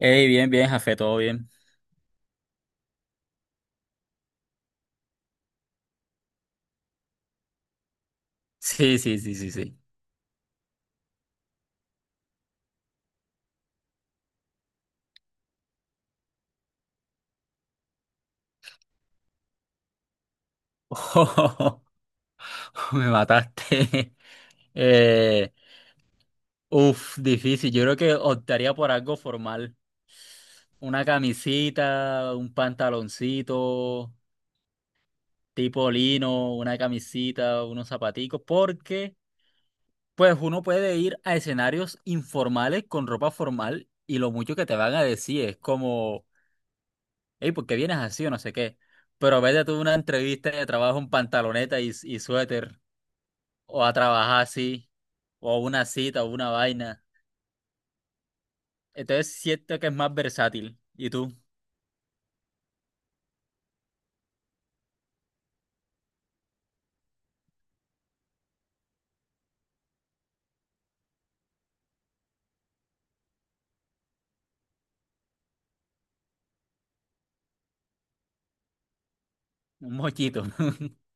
Ey, bien, bien, Jafé, todo bien. Sí, sí, sí, sí, sí. Me mataste. Eh, Uf, difícil. Yo creo que optaría por algo formal. Una camisita, un pantaloncito, tipo lino, una camisita, unos zapaticos, porque pues uno puede ir a escenarios informales con ropa formal y lo mucho que te van a decir es como: hey, ¿por qué vienes así o no sé qué? Pero vete tú a una entrevista de trabajo en pantaloneta y suéter, o a trabajar así, o a una cita, o una vaina. Entonces siento que es más versátil. ¿Y tú? Un mochito.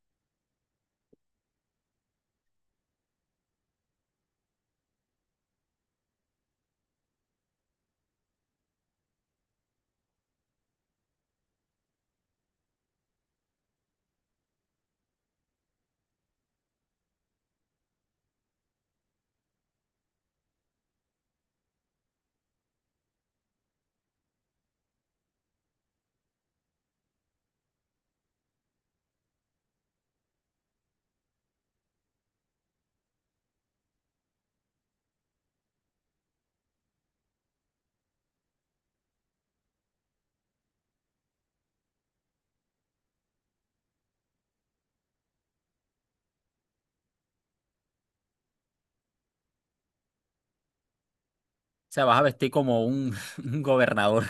O sea, vas a vestir como un, un gobernador.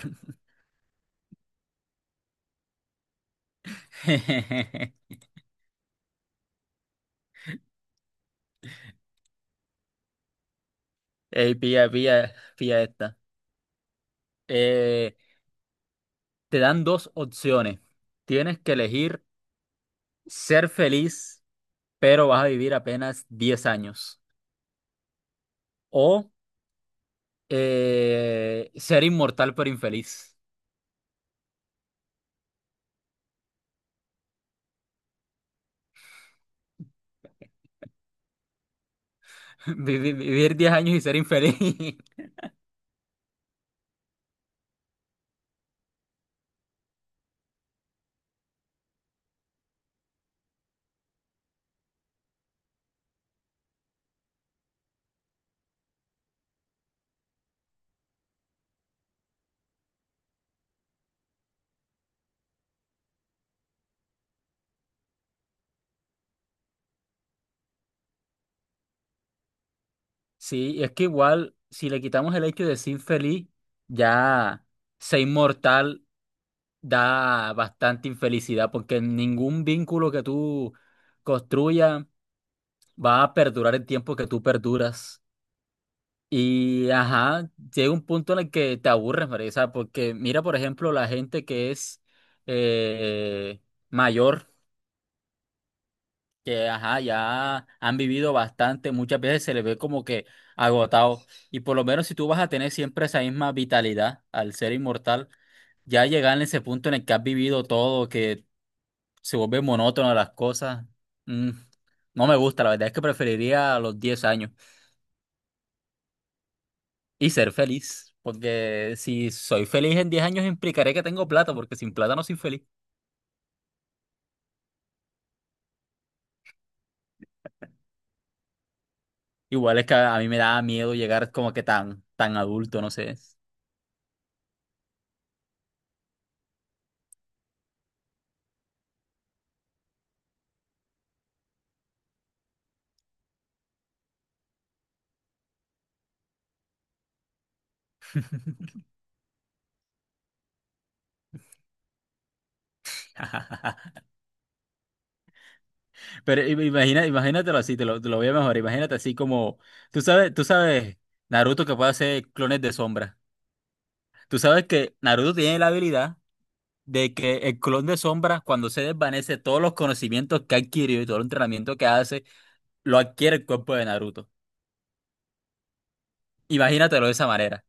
Ey, pilla, pilla, pilla esta. Eh, Te dan dos opciones. Tienes que elegir ser feliz, pero vas a vivir apenas 10 años. O ser inmortal, pero infeliz. Vivir 10 años y ser infeliz. Sí, y es que igual, si le quitamos el hecho de ser infeliz, ya ser inmortal da bastante infelicidad, porque ningún vínculo que tú construyas va a perdurar el tiempo que tú perduras. Y ajá, llega un punto en el que te aburres, María. O porque mira, por ejemplo, la gente que es eh, mayor, que ajá, ya han vivido bastante, muchas veces se les ve como que agotados. Y por lo menos si tú vas a tener siempre esa misma vitalidad al ser inmortal, ya llegar en ese punto en el que has vivido todo, que se vuelve monótono las cosas, mm, no me gusta. La verdad es que preferiría los 10 años y ser feliz. Porque si soy feliz en 10 años, implicaré que tengo plata, porque sin plata no soy feliz. Igual es que a mí me da miedo llegar como que tan, tan adulto, no sé. Pero imagina, imagínatelo así, te lo voy a mejorar. Imagínate así como, tú sabes, Naruto que puede hacer clones de sombra. Tú sabes que Naruto tiene la habilidad de que el clon de sombra, cuando se desvanece, todos los conocimientos que ha adquirido y todo el entrenamiento que hace, lo adquiere el cuerpo de Naruto. Imagínatelo de esa manera.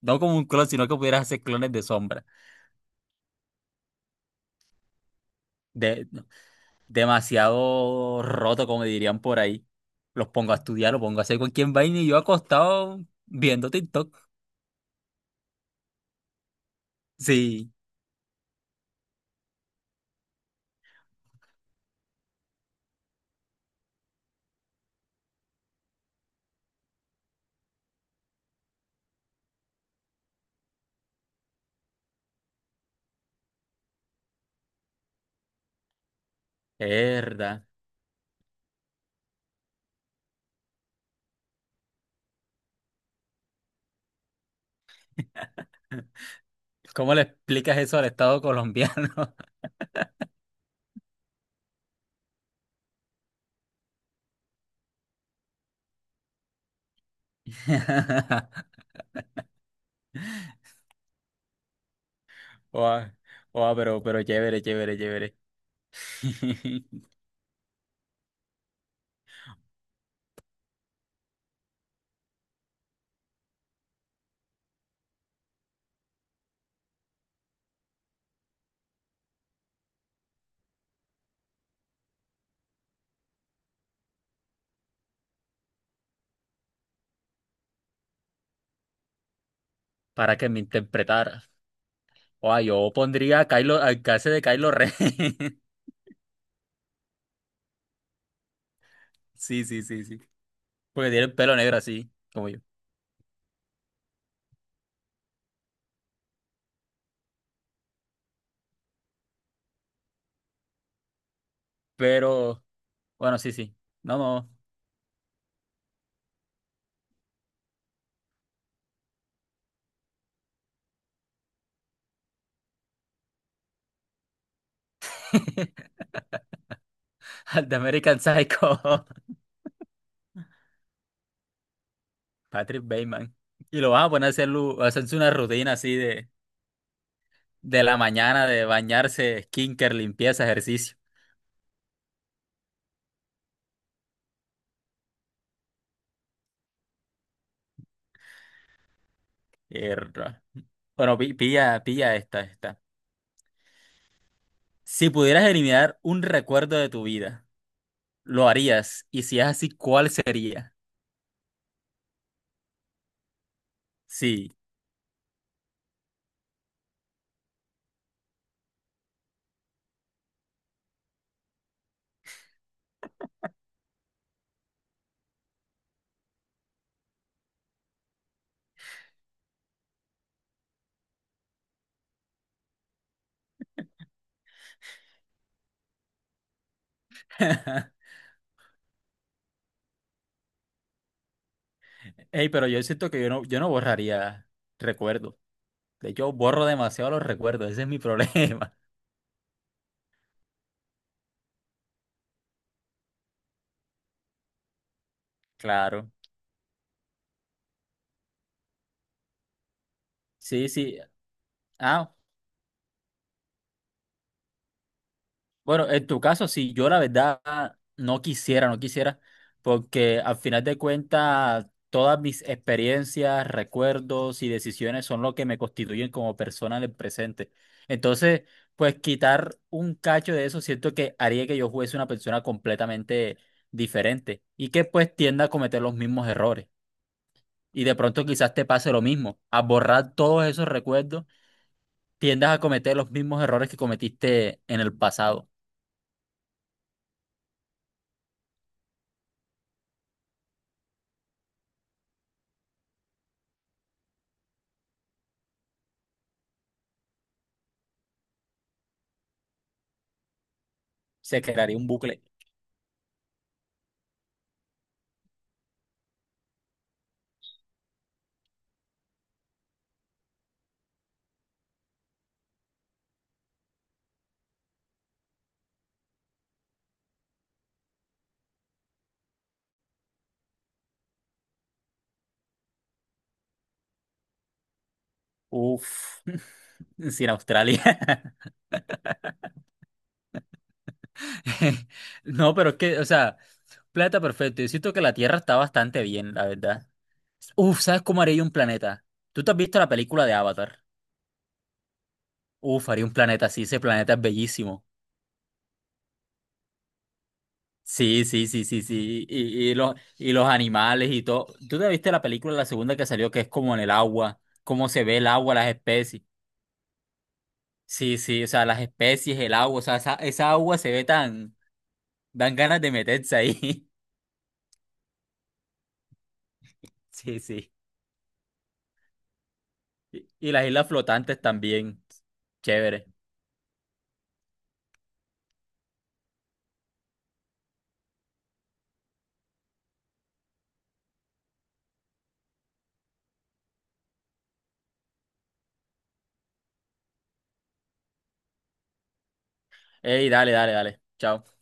No como un clon, sino que pudieras hacer clones de sombra. No, demasiado roto, como dirían por ahí. Los pongo a estudiar, los pongo a hacer cualquier vaina y yo acostado viendo TikTok. Sí. Herda. ¿Cómo le explicas eso al Estado colombiano? Oa, oa, pero chévere, chévere, chévere. Para que me interpretara. Oa, yo pondría a Kylo, al caso de Kylo Ren. Sí, sí, sí, sí. Porque tiene el pelo negro así, como yo. Pero, bueno, sí, sí. No, no. Al de American Psycho. Patrick Bateman. Y lo van a poner a hacer a hacerse una rutina así de la mañana, de bañarse, skinker, limpieza, ejercicio. Mierda. Bueno, pilla, pilla esta. Si pudieras eliminar un recuerdo de tu vida, ¿lo harías? Y si es así, ¿cuál sería? Sí. Ey, pero yo siento que yo no borraría recuerdos. De hecho, borro demasiado los recuerdos. Ese es mi problema. Claro. Sí, sí. Ah, bueno, en tu caso, sí. Yo la verdad no quisiera, porque al final de cuentas todas mis experiencias, recuerdos y decisiones son lo que me constituyen como persona en el presente. Entonces, pues quitar un cacho de eso siento que haría que yo fuese una persona completamente diferente y que pues tienda a cometer los mismos errores. Y de pronto quizás te pase lo mismo: a borrar todos esos recuerdos, tiendas a cometer los mismos errores que cometiste en el pasado. Se crearía un bucle. Uf, sin Australia. No, pero es que, o sea, planeta perfecto. Yo siento que la Tierra está bastante bien, la verdad. Uf, ¿sabes cómo haría yo un planeta? ¿Tú te has visto la película de Avatar? Uf, haría un planeta así, ese planeta es bellísimo. Sí, sí, sí, sí, sí. Y los animales y todo. ¿Tú te viste la película, la segunda que salió, que es como en el agua? ¿Cómo se ve el agua, las especies? Sí, sí, o sea, las especies, el agua, o sea, esa agua se ve tan. Dan ganas de meterse ahí. Sí, sí. Y las islas flotantes también. Chévere. Ey, dale, dale, dale. Chao.